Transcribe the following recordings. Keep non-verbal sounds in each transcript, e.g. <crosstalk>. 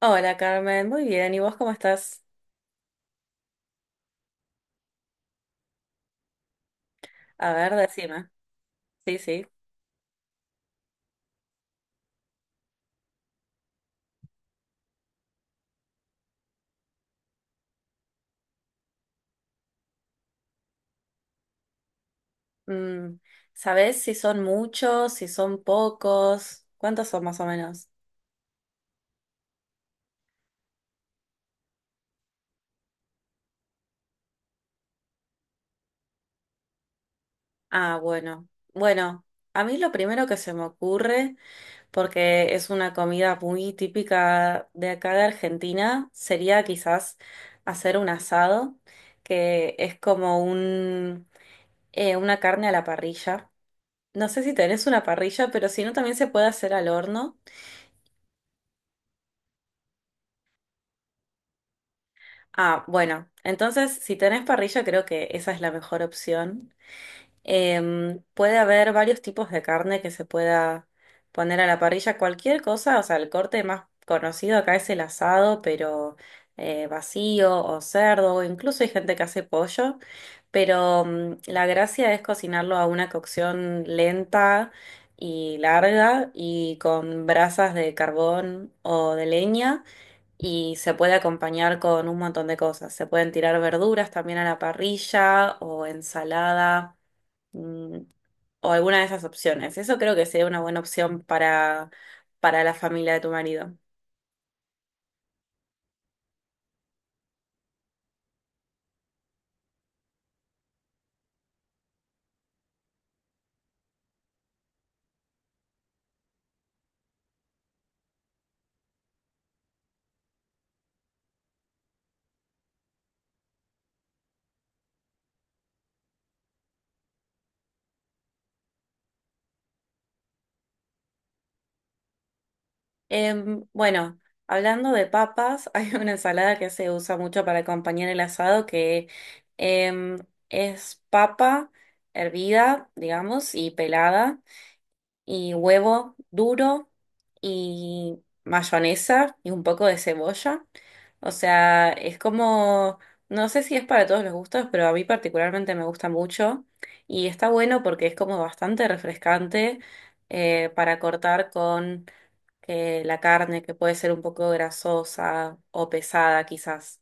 Hola Carmen, muy bien. ¿Y vos cómo estás? A ver, decime. Sí, sí. Mm, ¿Sabés si son muchos, si son pocos? ¿Cuántos son más o menos? Ah, bueno. Bueno, a mí lo primero que se me ocurre, porque es una comida muy típica de acá de Argentina, sería quizás hacer un asado, que es como un, una carne a la parrilla. No sé si tenés una parrilla, pero si no, también se puede hacer al horno. Ah, bueno, entonces si tenés parrilla creo que esa es la mejor opción. Puede haber varios tipos de carne que se pueda poner a la parrilla, cualquier cosa, o sea, el corte más conocido acá es el asado, pero vacío o cerdo, o incluso hay gente que hace pollo, pero la gracia es cocinarlo a una cocción lenta y larga y con brasas de carbón o de leña y se puede acompañar con un montón de cosas. Se pueden tirar verduras también a la parrilla o ensalada mm, o alguna de esas opciones. Eso creo que sería una buena opción para la familia de tu marido. Bueno, hablando de papas, <laughs> hay una ensalada que se usa mucho para acompañar el asado que em, es papa hervida, digamos, y pelada. Y huevo duro y mayonesa y un poco de cebolla. O sea, es como, no sé si es para todos los gustos, pero a mí particularmente me gusta mucho y está bueno porque es como bastante refrescante para cortar con la carne que puede ser un poco grasosa o pesada quizás.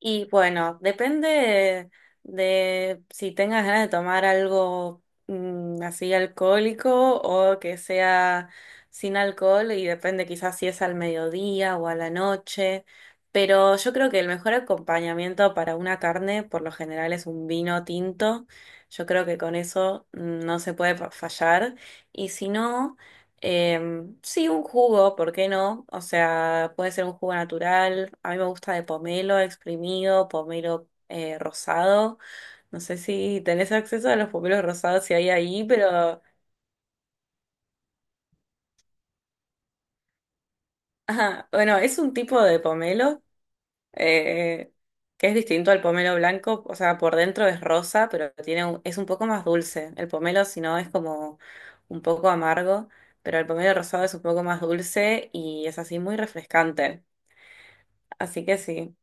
Y bueno, depende de si tengas ganas de tomar algo así alcohólico o que sea sin alcohol y depende quizás si es al mediodía o a la noche. Pero yo creo que el mejor acompañamiento para una carne por lo general es un vino tinto. Yo creo que con eso no se puede fallar. Y si no... Sí, un jugo, ¿por qué no? O sea, puede ser un jugo natural. A mí me gusta de pomelo exprimido, pomelo rosado. No sé si tenés acceso a los pomelos rosados si hay ahí, pero ajá, bueno, es un tipo de pomelo eh, que es distinto al pomelo blanco. O sea, por dentro es rosa, pero tiene es un poco más dulce. El pomelo, si no, es como un poco amargo, pero el pomelo rosado es un poco más dulce y es así muy refrescante. Así que sí.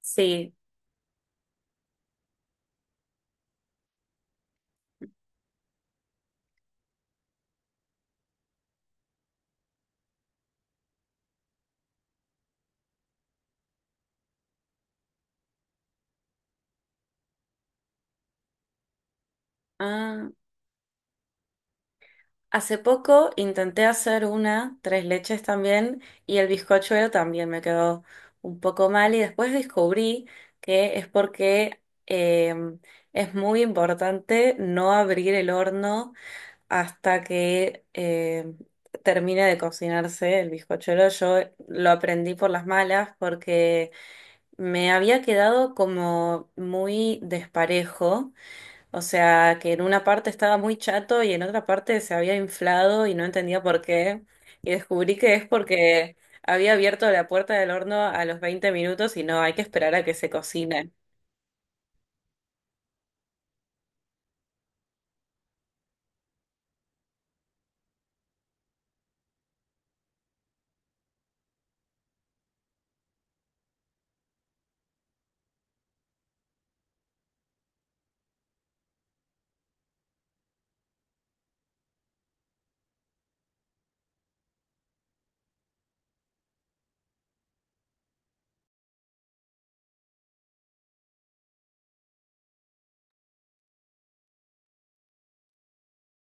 Sí. Ah, hace poco intenté hacer una, tres leches también, y el bizcochuelo también me quedó un poco mal y después descubrí que es porque eh, es muy importante no abrir el horno hasta que termine de cocinarse el bizcochuelo. Yo lo aprendí por las malas porque me había quedado como muy desparejo. O sea, que en una parte estaba muy chato y en otra parte se había inflado y no entendía por qué. Y descubrí que es porque había abierto la puerta del horno a los 20 minutos y no, hay que esperar a que se cocine.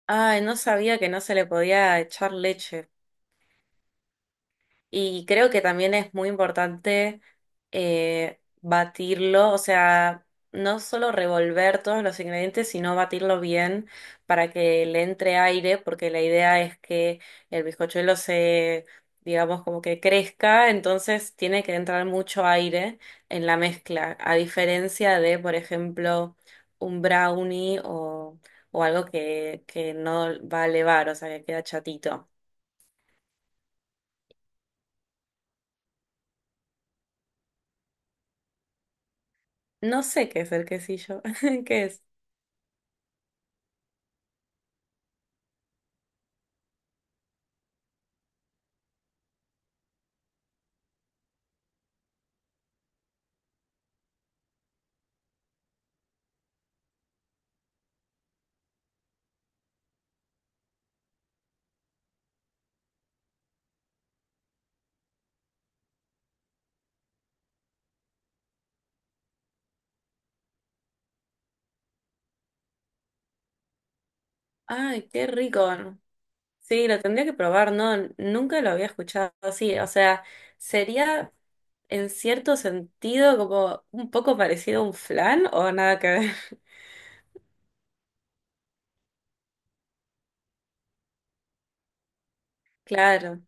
Ay, no sabía que no se le podía echar leche. Y creo que también es muy importante batirlo, o sea, no solo revolver todos los ingredientes, sino batirlo bien para que le entre aire, porque la idea es que el bizcochuelo se, digamos, como que crezca, entonces tiene que entrar mucho aire en la mezcla, a diferencia de, por ejemplo, un brownie o algo que no va a elevar, o sea, que queda chatito. No sé qué es el quesillo. <laughs> ¿Qué es? Ay, qué rico. Sí, lo tendría que probar, ¿no? Nunca lo había escuchado así. O sea, sería en cierto sentido como un poco parecido a un flan o nada que ver. <laughs> Claro.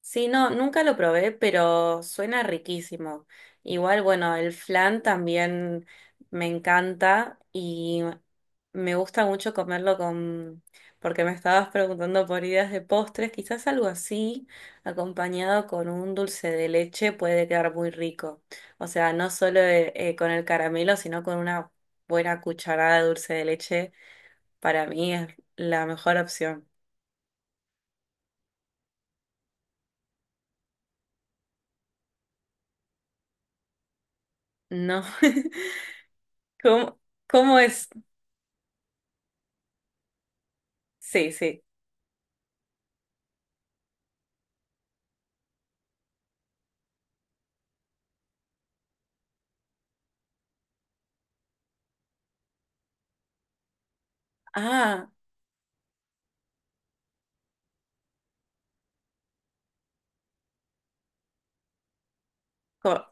Sí, no, nunca lo probé, pero suena riquísimo. Igual, bueno, el flan también me encanta y me gusta mucho comerlo con, porque me estabas preguntando por ideas de postres, quizás algo así, acompañado con un dulce de leche puede quedar muy rico. O sea, no solo con el caramelo, sino con una buena cucharada de dulce de leche, para mí es la mejor opción. No, <laughs> ¿cómo, cómo es? Sí, sí. Ah, co-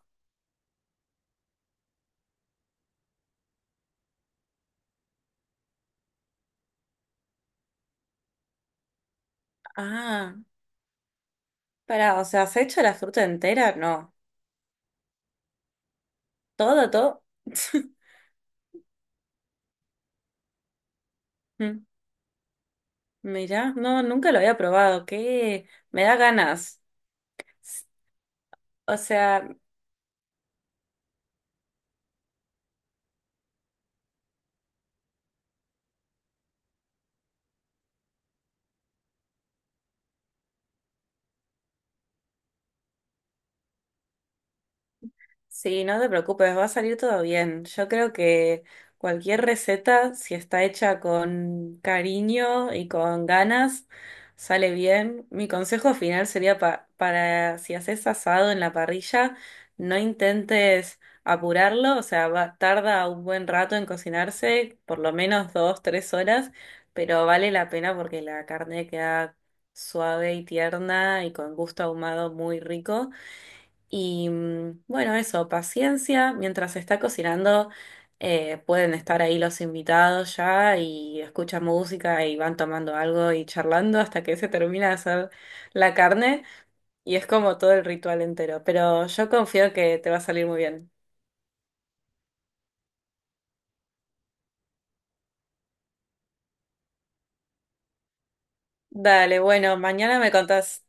ah, para, o sea, ¿se echa la fruta entera? No, todo, todo. <laughs> Mm, Mirá, no, nunca lo había probado. ¿Qué? Me da ganas. S- O sea, sí, no te preocupes, va a salir todo bien. Yo creo que cualquier receta, si está hecha con cariño y con ganas, sale bien. Mi consejo final sería para si haces asado en la parrilla, no intentes apurarlo, o sea, tarda un buen rato en cocinarse, por lo menos 2, 3 horas, pero vale la pena porque la carne queda suave y tierna y con gusto ahumado muy rico. Y bueno, eso, paciencia. Mientras se está cocinando, pueden estar ahí los invitados ya y escuchan música y van tomando algo y charlando hasta que se termina de hacer la carne. Y es como todo el ritual entero. Pero yo confío que te va a salir muy bien. Dale, bueno, mañana me contás.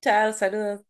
Chao, saludos.